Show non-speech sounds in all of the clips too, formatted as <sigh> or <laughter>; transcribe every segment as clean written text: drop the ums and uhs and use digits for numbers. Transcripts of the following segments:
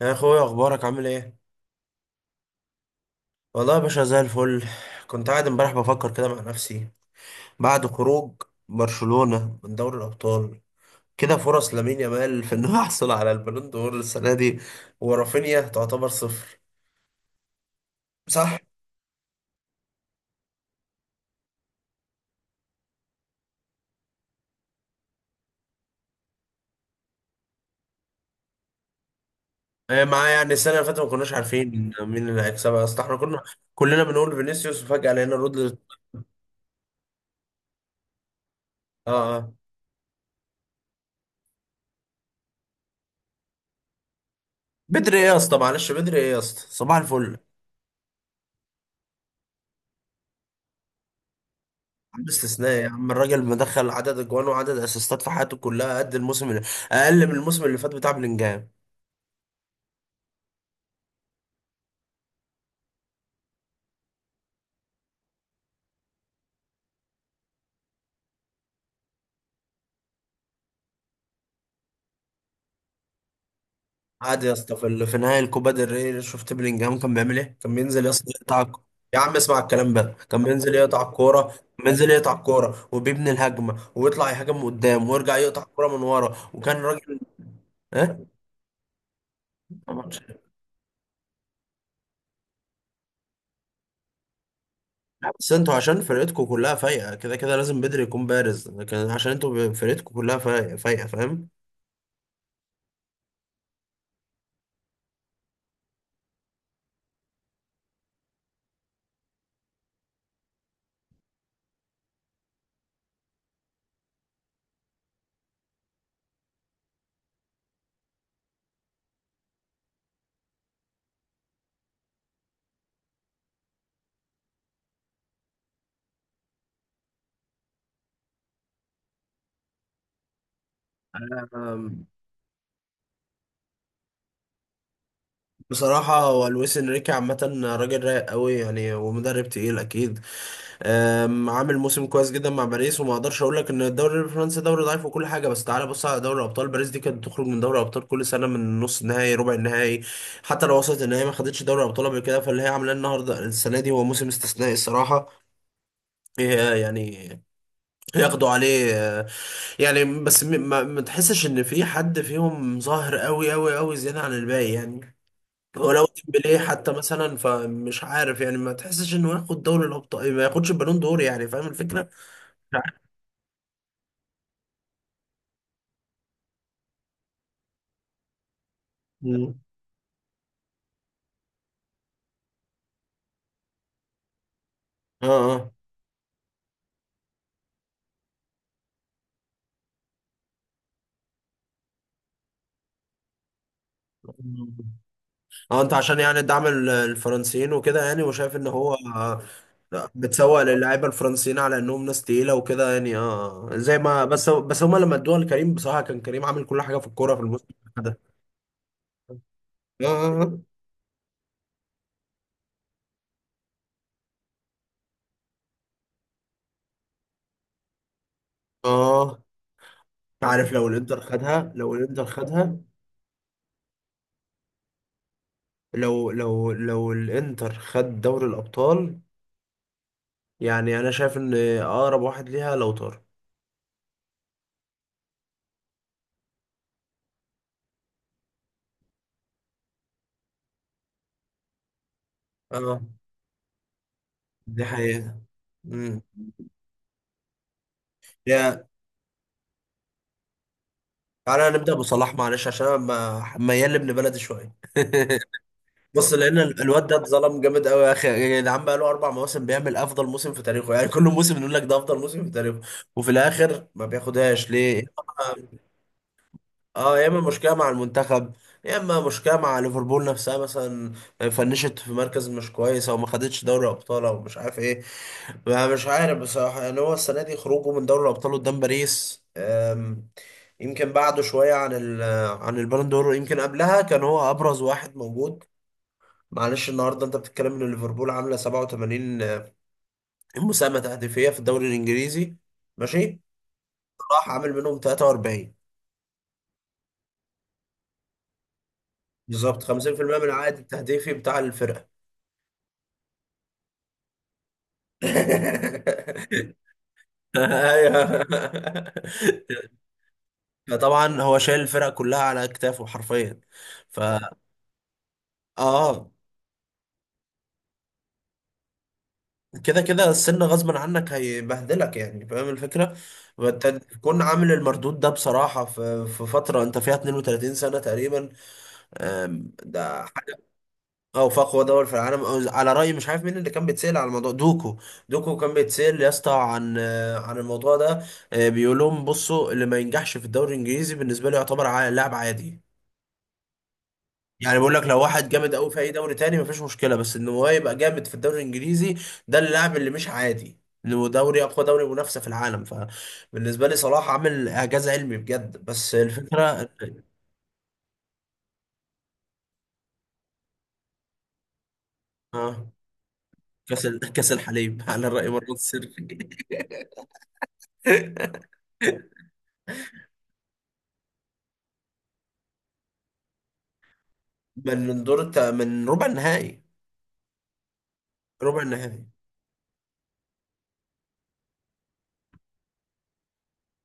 يا اخويا، اخبارك عامل ايه؟ والله يا باشا زي الفل. كنت قاعد امبارح بفكر كده مع نفسي بعد خروج برشلونة من دوري الابطال. كده فرص لامين يامال في انه <laughs> يحصل على البالون دور السنه دي، ورافينيا تعتبر صفر، صح؟ معاه. يعني السنه اللي فاتت ما كناش عارفين مين اللي هيكسبها، اصل احنا كنا كلنا بنقول فينيسيوس وفجاه لقينا رودري. اه. آه. بدري ايه يا اسطى؟ معلش، بدري ايه يا اسطى؟ صباح الفل. عم استثناء يا عم الراجل، مدخل عدد اجوان وعدد اسيستات في حياته كلها قد الموسم اللي اقل من الموسم اللي فات بتاع بلينجهام. عادي يا اسطى، في في نهائي الكوبا ديل ري شفت بلينجهام كان بيعمل ايه؟ كان بينزل يا اسطى يقطع الك-. يا عم اسمع الكلام ده. كان بينزل يقطع الكوره. كان بينزل يقطع الكوره وبيبني الهجمه ويطلع يهاجم من قدام ويرجع يقطع الكوره من ورا وكان راجل. ايه؟ طبعاً. بس انتوا عشان فرقتكم كلها فايقه كده كده لازم بدري يكون بارز، لكن عشان انتوا فرقتكم كلها فايقه فايقه. فاهم؟ بصراحة هو لويس انريكي عامة راجل رايق قوي يعني، ومدرب تقيل اكيد. عامل موسم كويس جدا مع باريس، وما اقدرش اقول لك ان الدوري الفرنسي دوري ضعيف وكل حاجة، بس تعالى بص على دوري ابطال. باريس دي كانت بتخرج من دوري ابطال كل سنة من نص النهائي، ربع النهائي. حتى لو وصلت النهائي ما خدتش دوري ابطال قبل كده، فاللي هي عاملاه النهارده السنة دي هو موسم استثنائي الصراحة. هي يعني ياخدوا عليه. يعني بس ما تحسش ان في حد فيهم ظاهر قوي قوي قوي زيادة عن الباقي يعني. ولو ديمبلي حتى مثلا، فمش عارف يعني ما تحسش انه ياخد دوري الابطال ما ياخدش البالون دور؟ يعني فاهم الفكره؟ مش عارف. مم. اه. اه. اه، انت عشان يعني دعم الفرنسيين وكده يعني، وشايف ان هو. بتسوق للاعيبه الفرنسيين على انهم ناس تقيله وكده يعني. اه. آه. زي ما بس هما لما ادوها لكريم بصراحه، كان كريم عامل كل حاجه في الكوره في الموسم ده. اه. اه. آه. آه. عارف لو الانتر خدها، لو الانتر خدها، لو لو الانتر خد دوري الابطال، يعني انا شايف ان اقرب واحد ليها لو طار. اه، دي حقيقة. امم. يا تعالى نبدأ بصلاح، معلش عشان انا ميال لابن بلدي شوية <laughs> بص، لأن الواد ده اتظلم جامد قوي يا أخي. يعني العم بقى له 4 مواسم بيعمل أفضل موسم في تاريخه. يعني كل موسم نقول لك ده أفضل موسم في تاريخه، وفي الآخر ما بياخدهاش ليه؟ اه، يا اما مشكله مع المنتخب، يا اما مشكله مع ليفربول نفسها مثلا. فنشت في مركز مش كويس، او ما خدتش دوري ابطال، او مش عارف ايه. ما مش عارف بصراحه، يعني هو السنه دي خروجه من دوري الابطال قدام باريس. يمكن بعده شويه عن عن البالون دور. يمكن قبلها كان هو ابرز واحد موجود. معلش النهارده انت بتتكلم ان ليفربول عامله 87 مساهمه تهديفيه في الدوري الانجليزي. ماشي. راح عامل منهم 43، بالظبط 50% من العائد التهديفي بتاع الفرقه. <laughs> ايوه. فطبعا هو شايل الفرق كلها على اكتافه حرفيا. ف اه، كده كده السن غصبا عنك هيبهدلك، يعني فاهم الفكره؟ وانت تكون عامل المردود ده بصراحه في فتره انت فيها 32 سنه تقريبا. ده او في اقوى دول في العالم، أو على راي مش عارف مين اللي كان بيتسال على الموضوع، دوكو. دوكو كان بيتسال يا اسطى عن عن الموضوع ده. بيقول لهم، بصوا، اللي ما ينجحش في الدوري الانجليزي بالنسبه لي يعتبر لاعب عادي. يعني بقول لك لو واحد جامد قوي في اي دوري تاني مفيش مشكله، بس ان هو يبقى جامد في الدوري الانجليزي، ده اللاعب اللي مش عادي. انه دوري اقوى دوري منافسه في العالم، فبالنسبه لي صلاح عامل اعجاز علمي بجد، بس الفكره. اه. كاس كاس الحليب <laughs> على راي مرات السري. <laughs> من من ربع النهائي. ربع النهائي.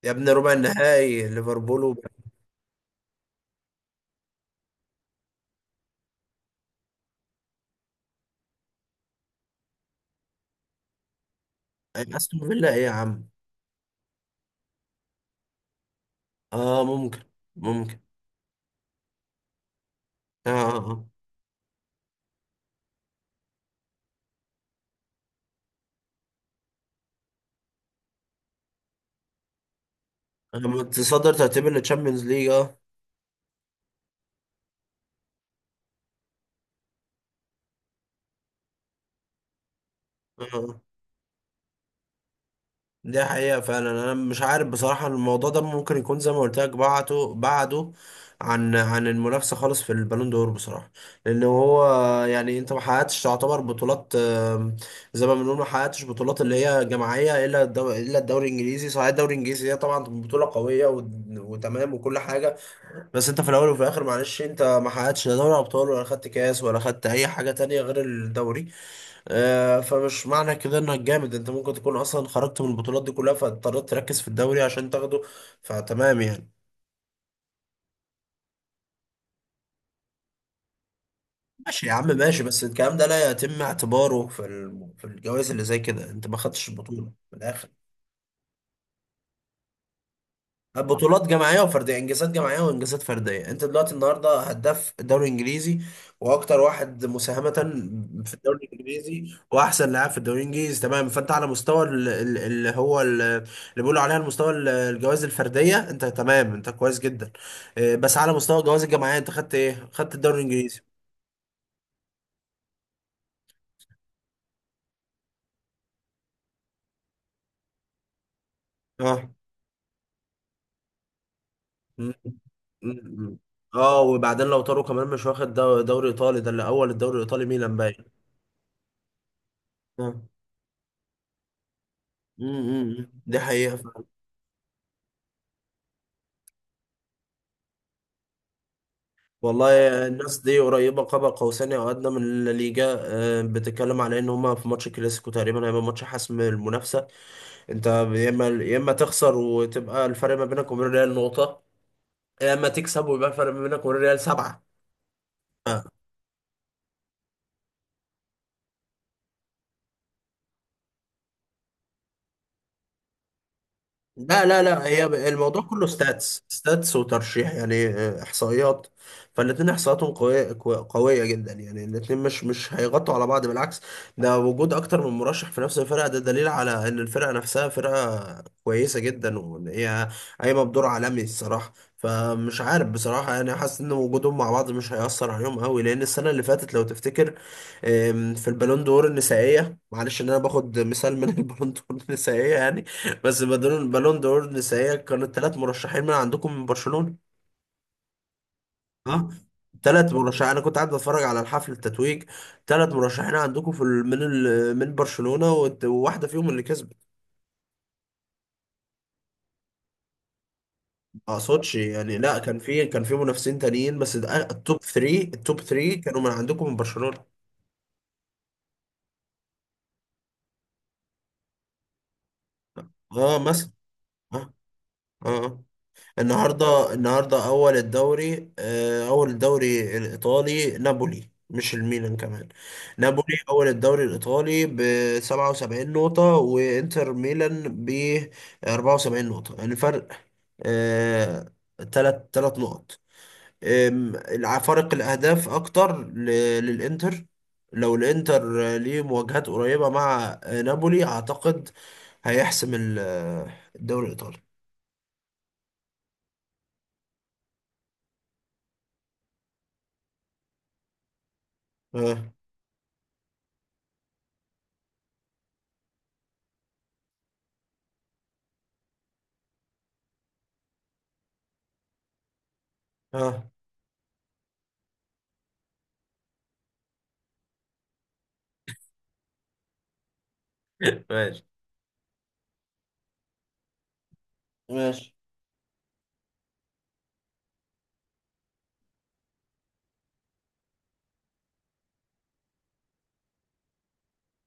يا ابني ربع النهائي ليفربول استون فيلا ايه يا عم. اه، ممكن. ممكن. اه. اه. اه. أنا متصدر ترتيب التشامبيونز ليج. اه. آه. آه. دي حقيقة فعلا، أنا مش عارف بصراحة. الموضوع ده ممكن يكون زي ما قلت لك، بعده بعده عن المنافسة خالص في البالون دور بصراحة. لأن هو يعني أنت ما حققتش تعتبر بطولات. زي ما بنقول ما حققتش بطولات اللي هي جماعية إلا الدوري الإنجليزي. صحيح الدوري الإنجليزي هي طبعا بطولة قوية و... وتمام وكل حاجة، بس أنت في الأول وفي الآخر معلش. أنت ما حققتش لا دوري أبطال، ولا خدت كاس، ولا خدت أي حاجة تانية غير الدوري. فمش معنى كده انك جامد. انت ممكن تكون اصلا خرجت من البطولات دي كلها فاضطريت تركز في الدوري عشان تاخده، فتمام يعني. ماشي يا عم، ماشي. بس الكلام ده لا يتم اعتباره في الجوائز اللي زي كده. انت ما خدتش البطولة من الاخر. بطولات جماعيه وفرديه، انجازات جماعيه وانجازات فرديه. انت دلوقتي النهارده هداف الدوري الانجليزي واكتر واحد مساهمه في الدوري الانجليزي واحسن لاعب في الدوري الانجليزي، تمام؟ فانت على مستوى اللي بيقولوا عليها المستوى الجوائز الفرديه انت تمام، انت كويس جدا. اه، بس على مستوى الجوائز الجماعيه انت خدت ايه؟ خدت الدوري الانجليزي. اه. م- م- اه، وبعدين لو طاروا كمان مش واخد دوري ايطالي. ده اللي اول الدوري الايطالي ميلان باين. اه. م- م- م. دي حقيقة. والله الناس دي قريبة قاب قوسين أو أدنى من الليجا. بتتكلم على إن هما في ماتش كلاسيكو تقريبا هيبقى ماتش حسم المنافسة. أنت يا إما يا إما تخسر وتبقى الفرق ما بينك وبين الريال نقطة، يا إما تكسب ويبقى الفرق ما بينك وبين الريال سبعة. لا لا لا، هي الموضوع كله ستاتس ستاتس وترشيح، يعني احصائيات. فالاتنين احصائياتهم قوية قوية جدا، يعني الاتنين مش هيغطوا على بعض، بالعكس. ده وجود اكتر من مرشح في نفس الفرقة ده دليل على ان الفرقة نفسها فرقة كويسة جدا وان هي قايمة بدور عالمي الصراحة. فمش عارف بصراحة، يعني حاسس ان وجودهم مع بعض مش هيأثر عليهم قوي، لان السنة اللي فاتت لو تفتكر، في البالون دور النسائية. معلش ان انا باخد مثال من <laughs> البالون دور النسائية يعني. بس بالون دور النسائية كانوا الثلاث مرشحين من عندكم من برشلونة. ها، ثلاث مرشحين. انا كنت قاعد بتفرج على الحفل التتويج. ثلاث مرشحين عندكم في ال- من ال... من برشلونة، وواحدة فيهم اللي كسبت. ما اقصدش يعني، لا، كان في منافسين تانيين، بس التوب 3، التوب 3 كانوا من عندكم من برشلونة. اه، مثلا. اه. اه. آه. النهارده النهارده اول الدوري آه، اول الدوري الايطالي نابولي، مش الميلان كمان. نابولي اول الدوري الايطالي ب 77 نقطه، وانتر ميلان ب 74 نقطه. يعني فرق آه، تلات تلات نقط. فرق الاهداف اكتر للانتر. لو الانتر ليه مواجهات قريبه مع نابولي، اعتقد هيحسم الدوري الايطالي. اه. اه. <laughs> ماشي. ماشي.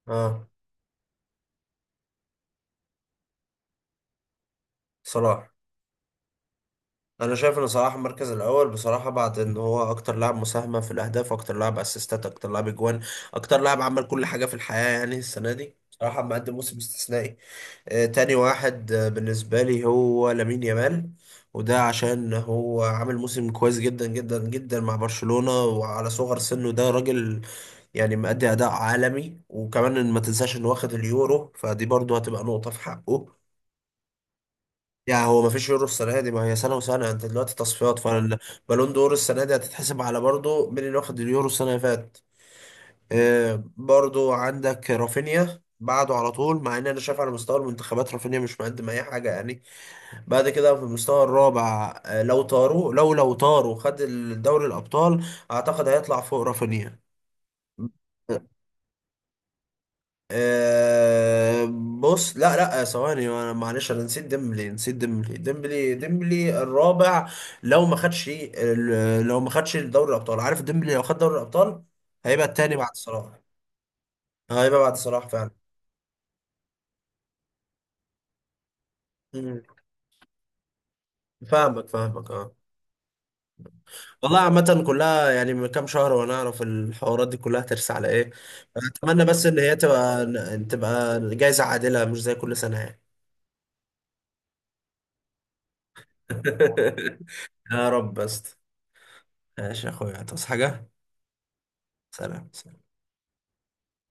اه. صلاح. انا شايف ان صلاح المركز الاول بصراحه، بعد ان هو اكتر لاعب مساهمه في الاهداف، اكتر لاعب اسيستات، اكتر لاعب اجوان، اكتر لاعب عمل كل حاجه في الحياه. يعني السنه دي صراحه مقدم موسم استثنائي. تاني واحد بالنسبه لي هو لامين يامال. وده عشان هو عامل موسم كويس جدا جدا جدا مع برشلونه، وعلى صغر سنه ده راجل يعني مأدي اداء عالمي. وكمان إن ما تنساش انه واخد اليورو، فدي برضه هتبقى نقطه في حقه. يعني هو ما فيش يورو السنه دي، ما هي سنه وسنه. انت دلوقتي تصفيات فالبالون دور السنه دي هتتحسب على برضه مين اللي واخد اليورو السنه اللي فاتت. برضه عندك رافينيا بعده على طول، مع ان انا شايف على مستوى المنتخبات رافينيا مش مقدم اي حاجه يعني. بعد كده في المستوى الرابع، لو طاروا خد الدوري الابطال، اعتقد هيطلع فوق رافينيا. أه. بص، لا لا، ثواني، انا معلش انا نسيت ديمبلي. نسيت ديمبلي. ديمبلي الرابع. لو ما خدش لو ما خدش دوري الابطال، عارف ديمبلي لو خد دوري الابطال هيبقى التاني بعد صلاح. هيبقى بعد صلاح فعلا. مم. فاهمك، فاهمك. اه. والله عامة كلها يعني من كام شهر وانا اعرف الحوارات دي كلها ترسى على ايه. اتمنى بس ان هي تبقى جايزة عادلة مش زي كل سنة يعني. <laughs> يا رب بس. ماشي يا اخويا، تصحى حاجة. سلام.